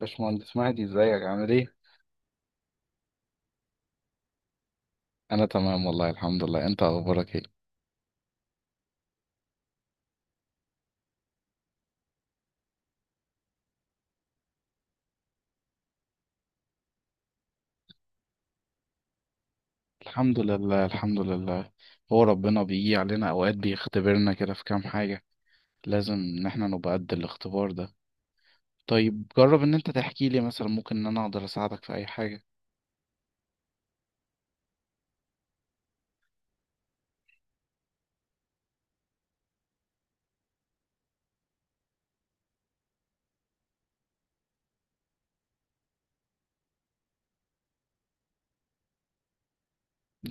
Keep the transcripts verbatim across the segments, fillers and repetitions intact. باشمهندس مهدي، ازيك؟ عامل ايه؟ انا تمام والله الحمد لله. انت اخبارك ايه؟ الحمد لله الحمد لله. هو ربنا بيجي علينا اوقات بيختبرنا كده في كام حاجة. لازم ان احنا نبقى قد الاختبار ده. طيب جرب ان انت تحكي لي، مثلا ممكن ان انا اقدر اساعدك في اي حاجة.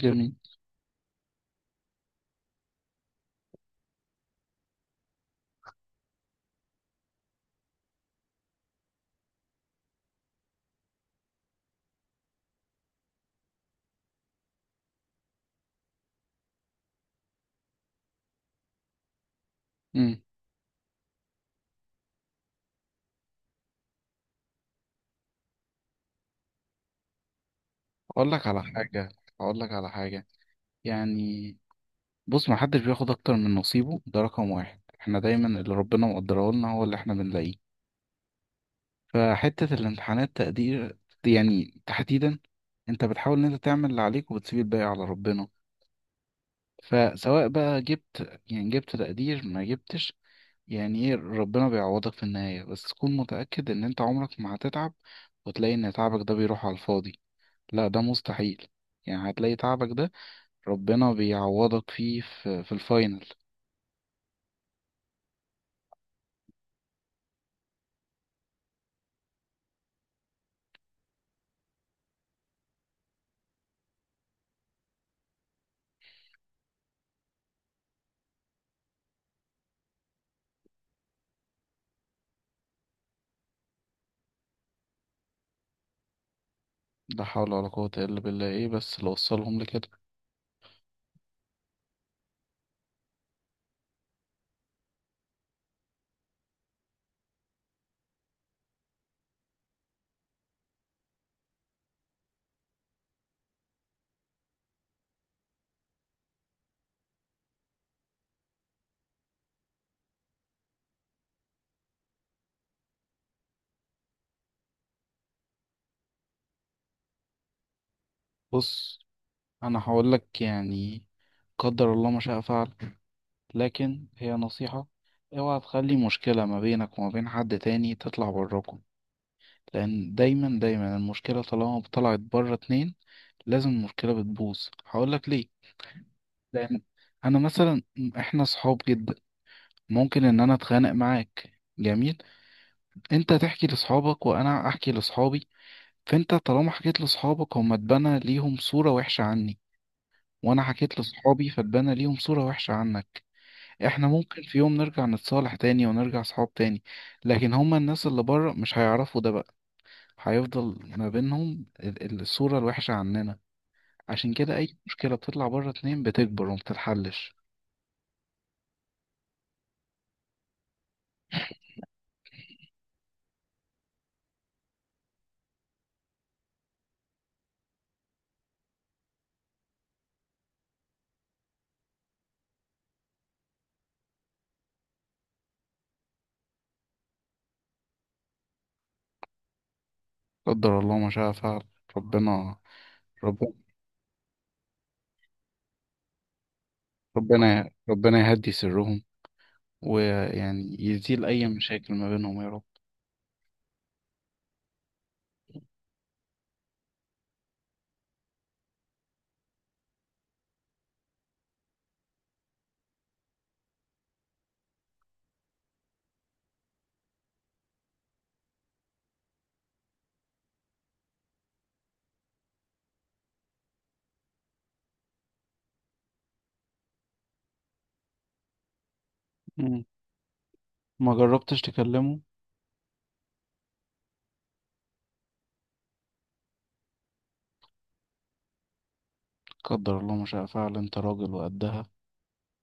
جميل. امم اقول لك على حاجة، اقول لك على حاجة، يعني بص، ما حدش بياخد اكتر من نصيبه، ده رقم واحد. احنا دايما اللي ربنا مقدره لنا هو اللي احنا بنلاقيه. فحتة الامتحانات تقدير، يعني تحديدا انت بتحاول ان انت تعمل اللي عليك وبتسيب الباقي على ربنا. فسواء بقى جبت، يعني جبت تقدير ما جبتش، يعني ايه، ربنا بيعوضك في النهاية، بس تكون متأكد ان انت عمرك ما هتتعب وتلاقي ان تعبك ده بيروح على الفاضي. لا ده مستحيل. يعني هتلاقي تعبك ده ربنا بيعوضك فيه في, في الفاينل. لا حول ولا قوة إلا بالله. ايه بس اللي وصلهم لكده؟ بص انا هقولك، يعني قدر الله ما شاء فعل، لكن هي نصيحة: اوعى تخلي مشكلة ما بينك وما بين حد تاني تطلع براكم. لأن دايما دايما المشكلة طالما طلعت بره اتنين لازم المشكلة بتبوظ. هقولك ليه؟ لأن أنا مثلا، احنا صحاب جدا، ممكن إن أنا أتخانق معاك، جميل، أنت تحكي لصحابك وأنا أحكي لصحابي. فأنت طالما حكيت لصحابك هما اتبنى ليهم صورة وحشة عني، وأنا حكيت لصحابي فاتبنى ليهم صورة وحشة عنك. احنا ممكن في يوم نرجع نتصالح تاني ونرجع صحاب تاني، لكن هما الناس اللي بره مش هيعرفوا ده بقى. هيفضل ما بينهم ال- ال- الصورة الوحشة عننا. عشان كده اي مشكلة بتطلع بره اتنين بتكبر ومبتتحلش. قدر الله ما شاء فعل. ربنا ربنا ربنا ربنا يهدي سرهم، ويعني يزيل اي مشاكل ما بينهم يا رب. مم. ما جربتش تكلمه؟ قدر الله ما شاء فعل. انت راجل وقدها،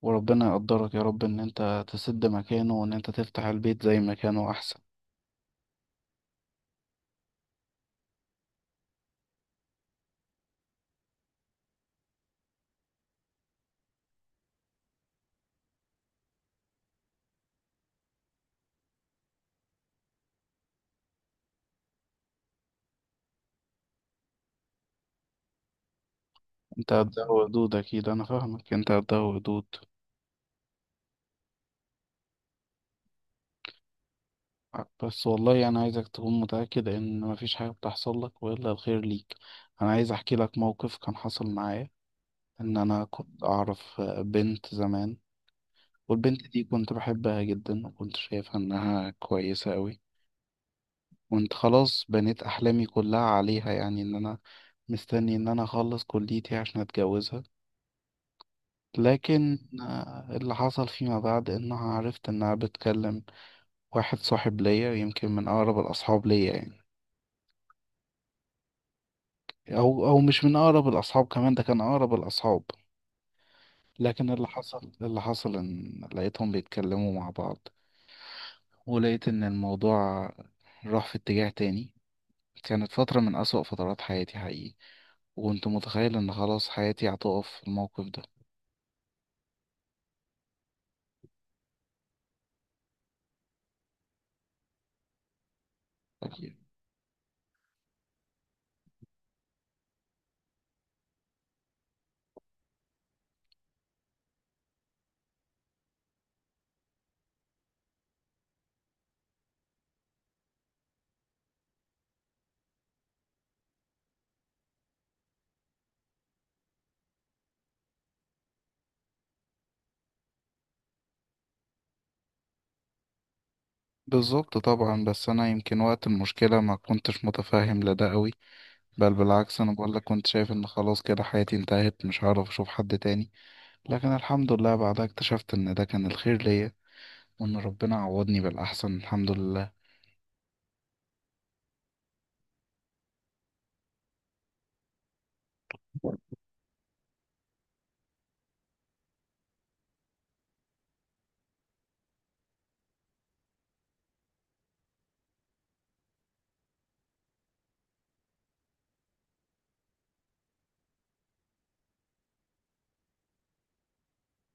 وربنا يقدرك يا رب ان انت تسد مكانه وان انت تفتح البيت زي مكانه احسن. انت ده ودود، اكيد انا فاهمك، انت ده ودود. بس والله انا عايزك تكون متأكد ان مفيش حاجة بتحصل لك والا الخير ليك. انا عايز احكي لك موقف كان حصل معايا. ان انا كنت اعرف بنت زمان، والبنت دي كنت بحبها جدا وكنت شايفها انها كويسة قوي، وانت خلاص بنيت احلامي كلها عليها، يعني ان انا مستني ان انا اخلص كليتي عشان اتجوزها. لكن آه، اللي حصل فيما بعد انها عرفت انها بتكلم واحد صاحب ليا، يمكن من اقرب الاصحاب ليا يعني، او او مش من اقرب الاصحاب، كمان ده كان اقرب الاصحاب. لكن اللي حصل، اللي حصل ان لقيتهم بيتكلموا مع بعض، ولقيت ان الموضوع راح في اتجاه تاني. كانت فترة من أسوأ فترات حياتي حقيقي، وكنت متخيل ان خلاص حياتي هتقف في الموقف ده. أكيد. بالظبط طبعا، بس انا يمكن وقت المشكلة ما كنتش متفاهم لده قوي، بل بالعكس انا بقول لك كنت شايف ان خلاص كده حياتي انتهت، مش هعرف اشوف حد تاني. لكن الحمد لله بعدها اكتشفت ان ده كان الخير ليا، وان ربنا عوضني بالاحسن الحمد لله.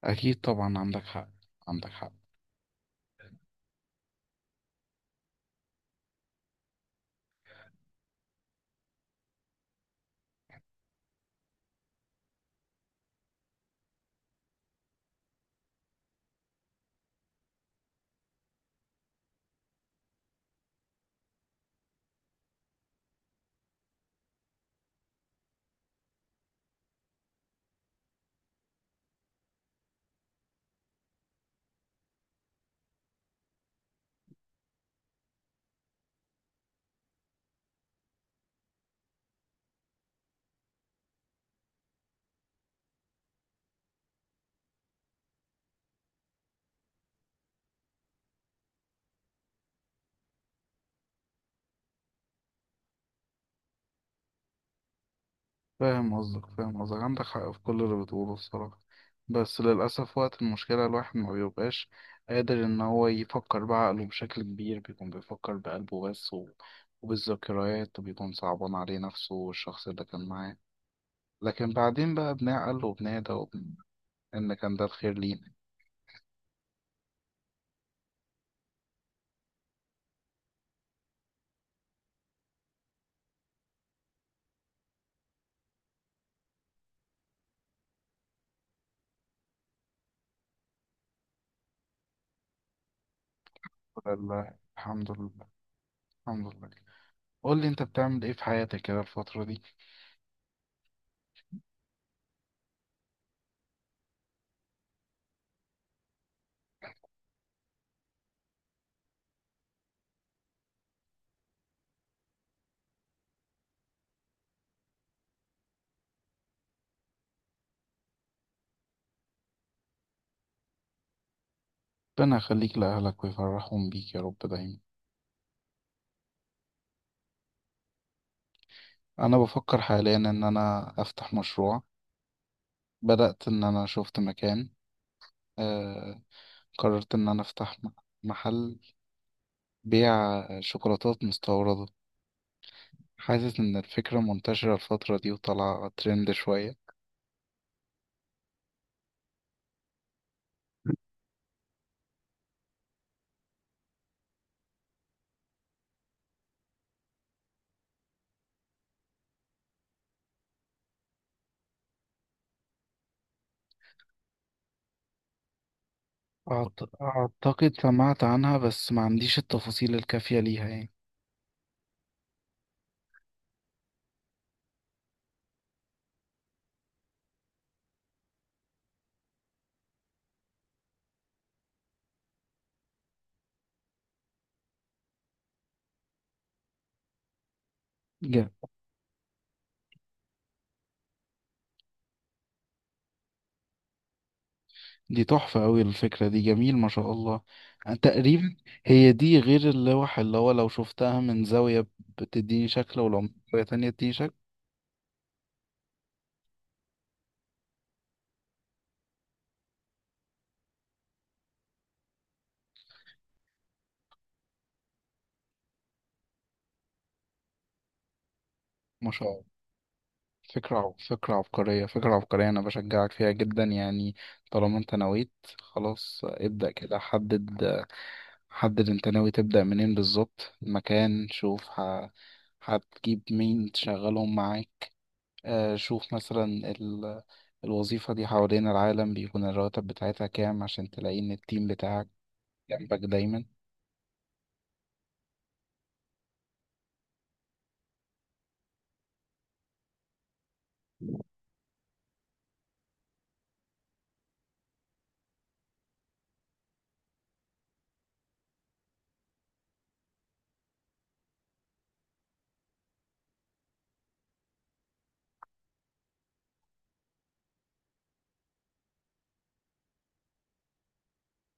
اكيد طبعا عندك حق، عندك حق. فاهم قصدك، فاهم قصدك، عندك حق في كل اللي بتقوله الصراحة. بس للاسف وقت المشكلة الواحد ما بيبقاش قادر ان هو يفكر بعقله بشكل كبير، بيكون بيفكر بقلبه بس و... وبالذكريات، وبيكون صعبان عليه نفسه والشخص اللي كان معاه. لكن بعدين بقى بنعقل وبنهدى وبن... إن كان ده الخير لينا. لله الحمد، لله الحمد لله. قول لي أنت بتعمل إيه في حياتك كده الفترة دي؟ ربنا يخليك لأهلك ويفرحهم بيك يا رب دايما. أنا بفكر حاليا إن أنا أفتح مشروع. بدأت إن أنا شفت مكان، آه... قررت إن أنا أفتح م- محل بيع شوكولاتات مستوردة. حاسس إن الفكرة منتشرة الفترة دي وطالعة ترند شوية. أعت- أعتقد سمعت عنها بس ما عنديش التفاصيل الكافية ليها يعني. جا. دي تحفة أوي الفكرة دي، جميل ما شاء الله. تقريبا هي دي غير اللوح اللي هو لو شفتها من زاوية بتديني شكل ولو من زاوية تانية تديني شكل. ما شاء الله، فكرة عب- فكرة عبقرية، فكرة عبقرية، أنا بشجعك فيها جدا يعني. طالما أنت نويت خلاص ابدأ كده. حدد، حدد أنت ناوي تبدأ منين بالظبط، مكان، شوف ه... هتجيب مين تشغلهم معاك. آه، شوف مثلا ال- الوظيفة دي حوالين العالم بيكون الرواتب بتاعتها كام، عشان تلاقي إن التيم بتاعك جنبك دايما.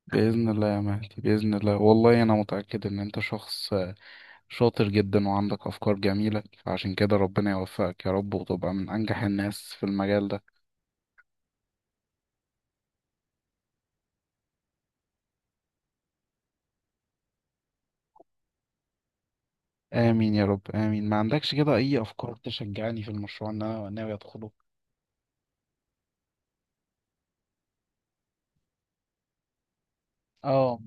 بإذن الله يا مهدي، بإذن الله، والله أنا متأكد إن أنت شخص آه، شاطر جدا وعندك أفكار جميلة، فعشان كده ربنا يوفقك يا رب وتبقى من أنجح الناس في المجال ده. آمين يا رب، آمين. ما عندكش كده أي أفكار تشجعني في المشروع اللي أنا ناوي أدخله؟ آه.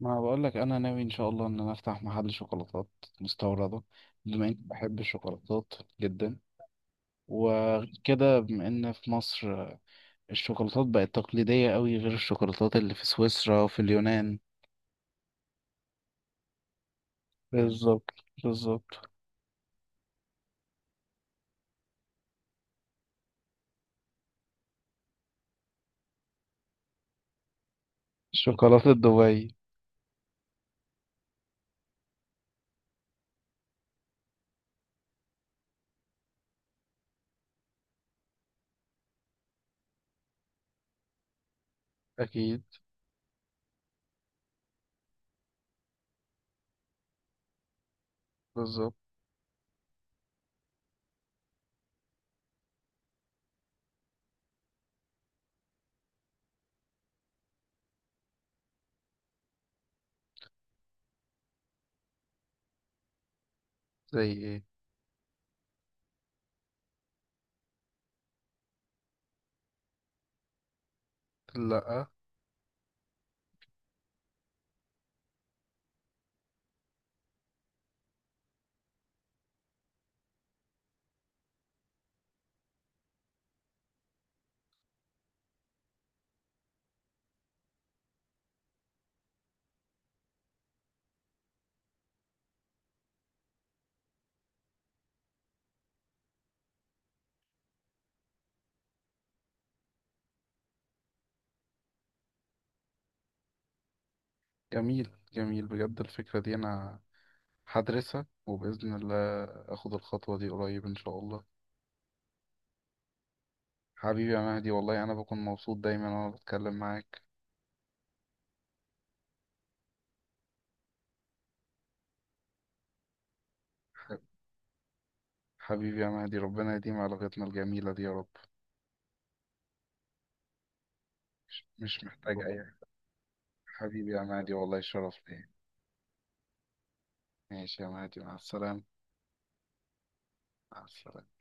ما بقول لك انا ناوي ان شاء الله ان انا افتح محل شوكولاتات مستورده، بما اني بحب الشوكولاتات جدا، وغير كده بما ان في مصر الشوكولاتات بقت تقليديه قوي غير الشوكولاتات اللي في سويسرا وفي اليونان. بالظبط، بالظبط. شوكولاته دبي؟ اكيد. بالظبط. زي ايه؟ لا. جميل جميل بجد الفكره دي. انا هدرسها وباذن الله اخد الخطوه دي قريب ان شاء الله. حبيبي يا مهدي، والله أنا بكون مبسوط دايما وأنا بتكلم معاك. حبيبي يا مهدي، ربنا يديم علاقتنا الجميلة دي يا رب. مش محتاج أي حاجة. حبيبي يا مهدي، والله شرف ليا. ماشي يا مهدي، مع السلامة. مع السلامة.